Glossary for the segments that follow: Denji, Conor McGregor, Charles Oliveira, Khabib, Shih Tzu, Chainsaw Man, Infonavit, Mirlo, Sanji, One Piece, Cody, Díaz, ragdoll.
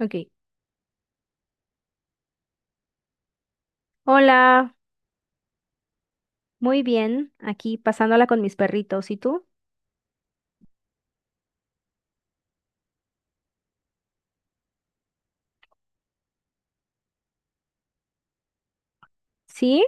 Ok. Hola, muy bien. Aquí pasándola con mis perritos. ¿Y tú? ¿Sí?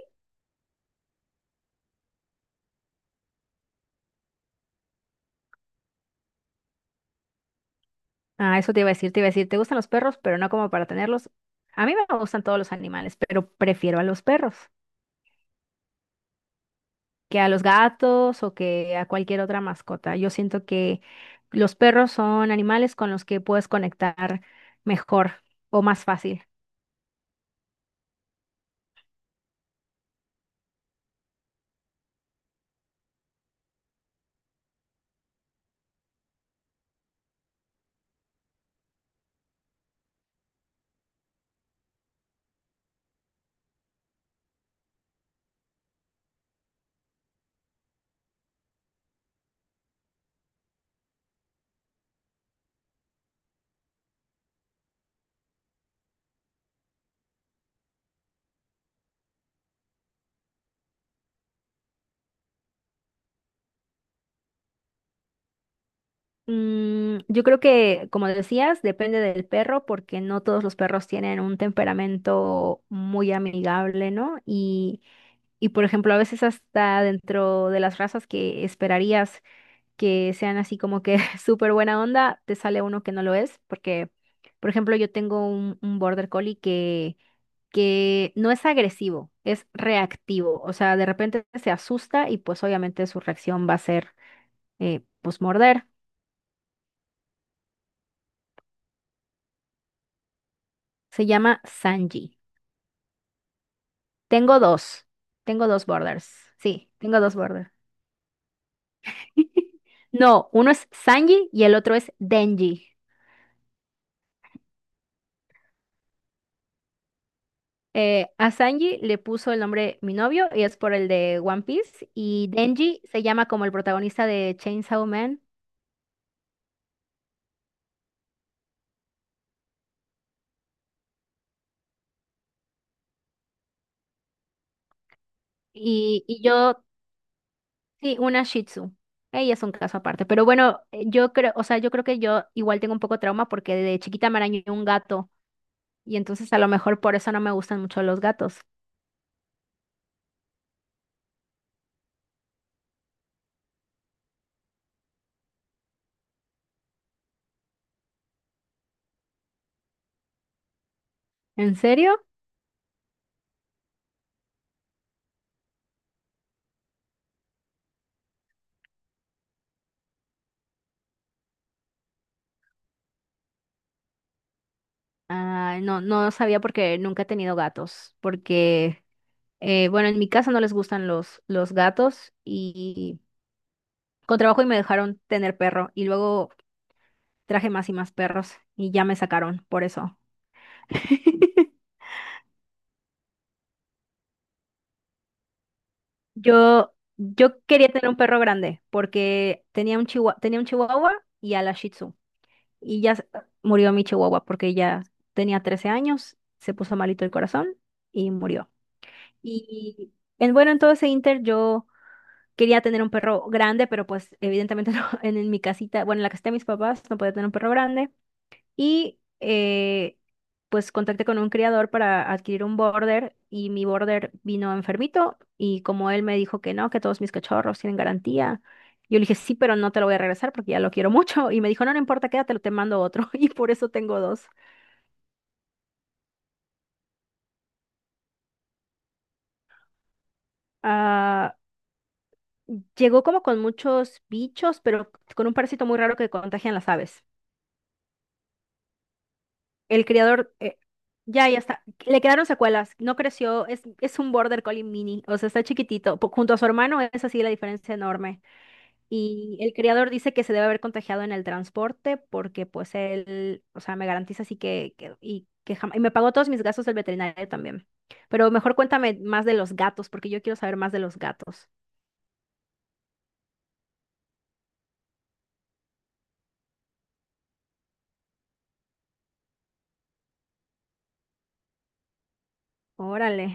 Ah, eso te iba a decir, te iba a decir, te gustan los perros, pero no como para tenerlos. A mí me gustan todos los animales, pero prefiero a los perros que a los gatos o que a cualquier otra mascota. Yo siento que los perros son animales con los que puedes conectar mejor o más fácil. Mm, yo creo que, como decías, depende del perro porque no todos los perros tienen un temperamento muy amigable, ¿no? Y por ejemplo, a veces hasta dentro de las razas que esperarías que sean así como que súper buena onda, te sale uno que no lo es, porque, por ejemplo, yo tengo un border collie que no es agresivo, es reactivo. O sea, de repente se asusta y pues obviamente su reacción va a ser pues morder. Se llama Sanji. Tengo dos, tengo dos borders. Sí, tengo dos borders. No, uno es Sanji y el otro es Denji. A Sanji le puso el nombre Mi novio y es por el de One Piece. Y Denji se llama como el protagonista de Chainsaw Man. Y yo, sí, una Shih Tzu. Ella es un caso aparte. Pero bueno, yo creo, o sea, yo creo que yo igual tengo un poco de trauma porque de chiquita me arañó un gato. Y entonces a lo mejor por eso no me gustan mucho los gatos. ¿En serio? Ah, no, no sabía porque nunca he tenido gatos. Porque, bueno, en mi casa no les gustan los gatos y. Con trabajo y me dejaron tener perro y luego traje más y más perros y ya me sacaron por eso. Yo, yo quería tener un perro grande porque tenía un chihuahua y a la Shih Tzu. Y ya se- Murió mi chihuahua porque ya tenía 13 años, se puso malito el corazón y murió. Y en, bueno, en todo ese inter yo quería tener un perro grande, pero pues evidentemente no, en mi casita, bueno, en la casita de mis papás no podía tener un perro grande. Y pues contacté con un criador para adquirir un border y mi border vino enfermito y como él me dijo que no, que todos mis cachorros tienen garantía, yo le dije sí, pero no te lo voy a regresar porque ya lo quiero mucho y me dijo no, no importa, quédatelo, te mando otro y por eso tengo dos. Ah, llegó como con muchos bichos, pero con un parásito muy raro que contagian las aves. El criador, ya, ya está. Le quedaron secuelas, no creció, es un border collie mini, o sea, está chiquitito. Junto a su hermano es así la diferencia enorme. Y el criador dice que se debe haber contagiado en el transporte porque pues él, o sea, me garantiza así que, y que jamás, y me pagó todos mis gastos del veterinario también. Pero mejor cuéntame más de los gatos, porque yo quiero saber más de los gatos. Órale.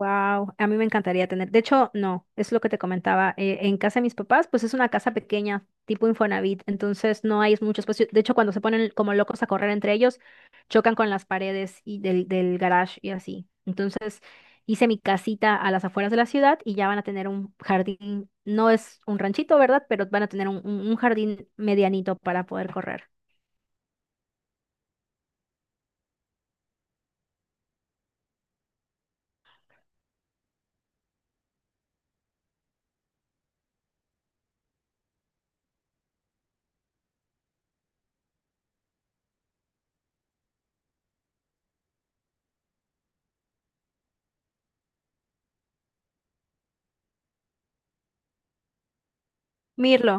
Wow, a mí me encantaría tener. De hecho, no, es lo que te comentaba. En casa de mis papás, pues es una casa pequeña, tipo Infonavit, entonces no hay mucho espacio. De hecho, cuando se ponen como locos a correr entre ellos, chocan con las paredes y del garage y así. Entonces, hice mi casita a las afueras de la ciudad y ya van a tener un jardín. No es un ranchito, ¿verdad? Pero van a tener un jardín medianito para poder correr. Mirlo.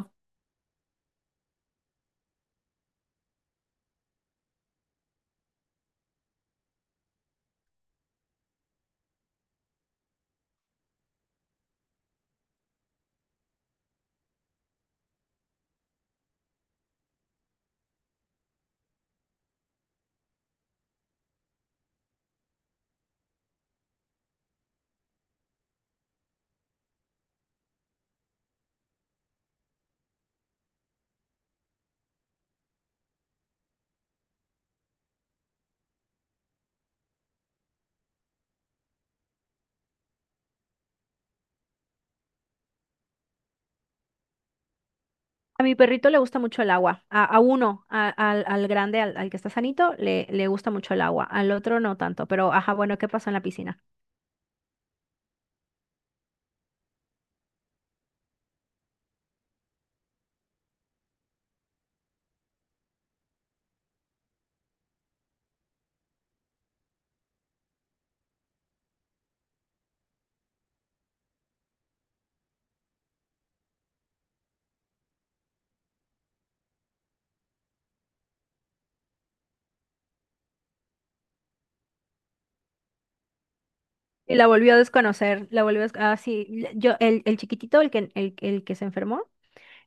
A mi perrito le gusta mucho el agua. A uno, a- al, Al grande, al que está sanito, le gusta mucho el agua. Al otro no tanto. Pero, ajá, bueno, ¿qué pasó en la piscina? Y la volvió a desconocer. La volvió a... des- Ah, sí. Yo, el chiquitito, el que se enfermó,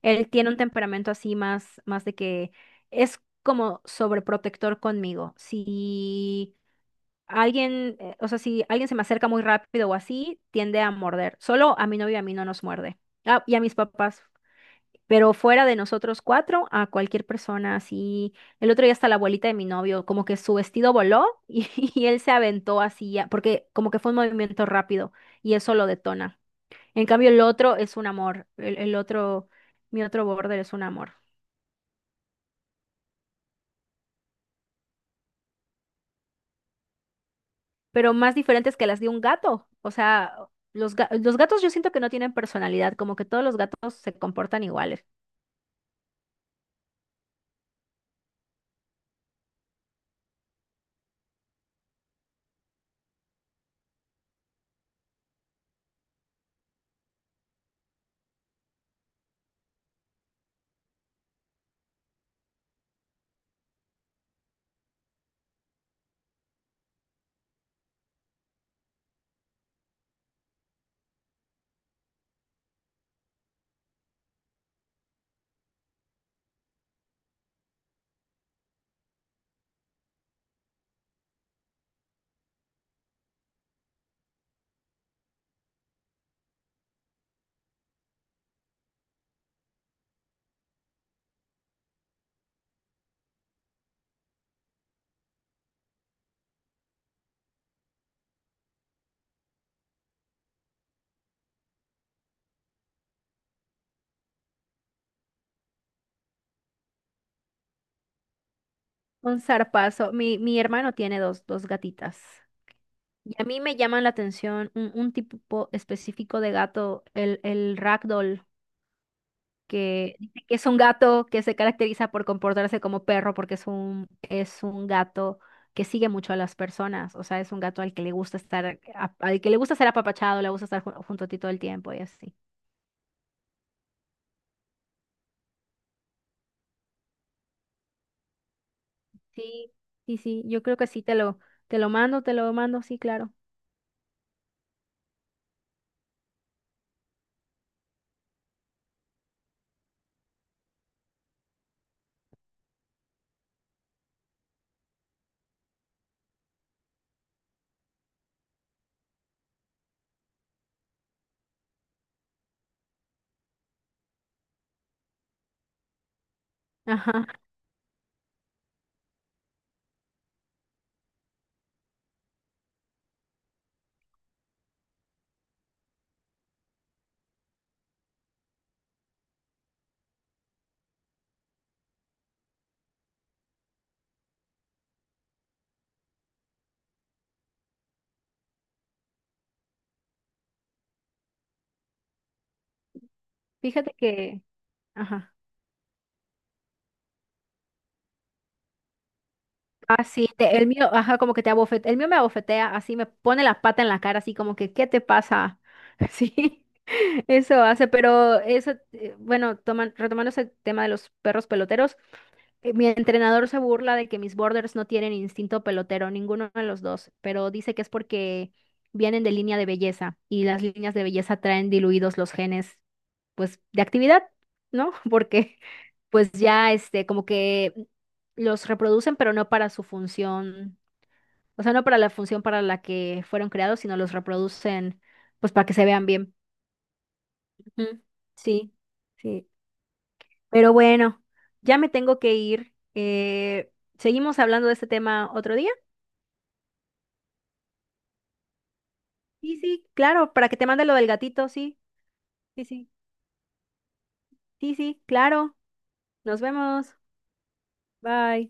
él tiene un temperamento así más, más de que es como sobreprotector conmigo. Si alguien, o sea, si alguien se me acerca muy rápido o así, tiende a morder. Solo a mi novio y a mí no nos muerde. Ah, y a mis papás. Pero fuera de nosotros cuatro, a cualquier persona así. El otro día hasta la abuelita de mi novio, como que su vestido voló y, y él se aventó así, porque como que fue un movimiento rápido y eso lo detona. En cambio, el otro es un amor. Mi otro border es un amor. Pero más diferentes que las de un gato. O sea, los gatos yo siento que no tienen personalidad, como que todos los gatos se comportan iguales. Un zarpazo. Mi hermano tiene dos, dos gatitas. Y a mí me llama la atención un tipo específico de gato, el ragdoll, que dice que es un gato que se caracteriza por comportarse como perro porque es es un gato que sigue mucho a las personas, o sea, es un gato al que le gusta estar, al que le gusta ser apapachado, le gusta estar junto a ti todo el tiempo y así. Sí, sí, sí, yo creo que sí, te lo mando, sí, claro. Ajá, fíjate que, ajá. Así, el mío, ajá, como que te abofetea, el mío me abofetea, así me pone la pata en la cara, así como que, ¿qué te pasa? Sí, eso hace, pero eso, bueno, retomando ese tema de los perros peloteros, mi entrenador se burla de que mis borders no tienen instinto pelotero, ninguno de los dos, pero dice que es porque vienen de línea de belleza y las líneas de belleza traen diluidos los genes, pues, de actividad, ¿no? Porque, pues ya, este, como que los reproducen, pero no para su función, o sea, no para la función para la que fueron creados, sino los reproducen, pues, para que se vean bien. Ujú, sí, sí. Pero bueno, ya me tengo que ir. ¿Seguimos hablando de este tema otro día? Sí, sí, claro, para que te mande lo del gatito, sí, sí, sí, sí, sí, claro. Nos vemos. Bye.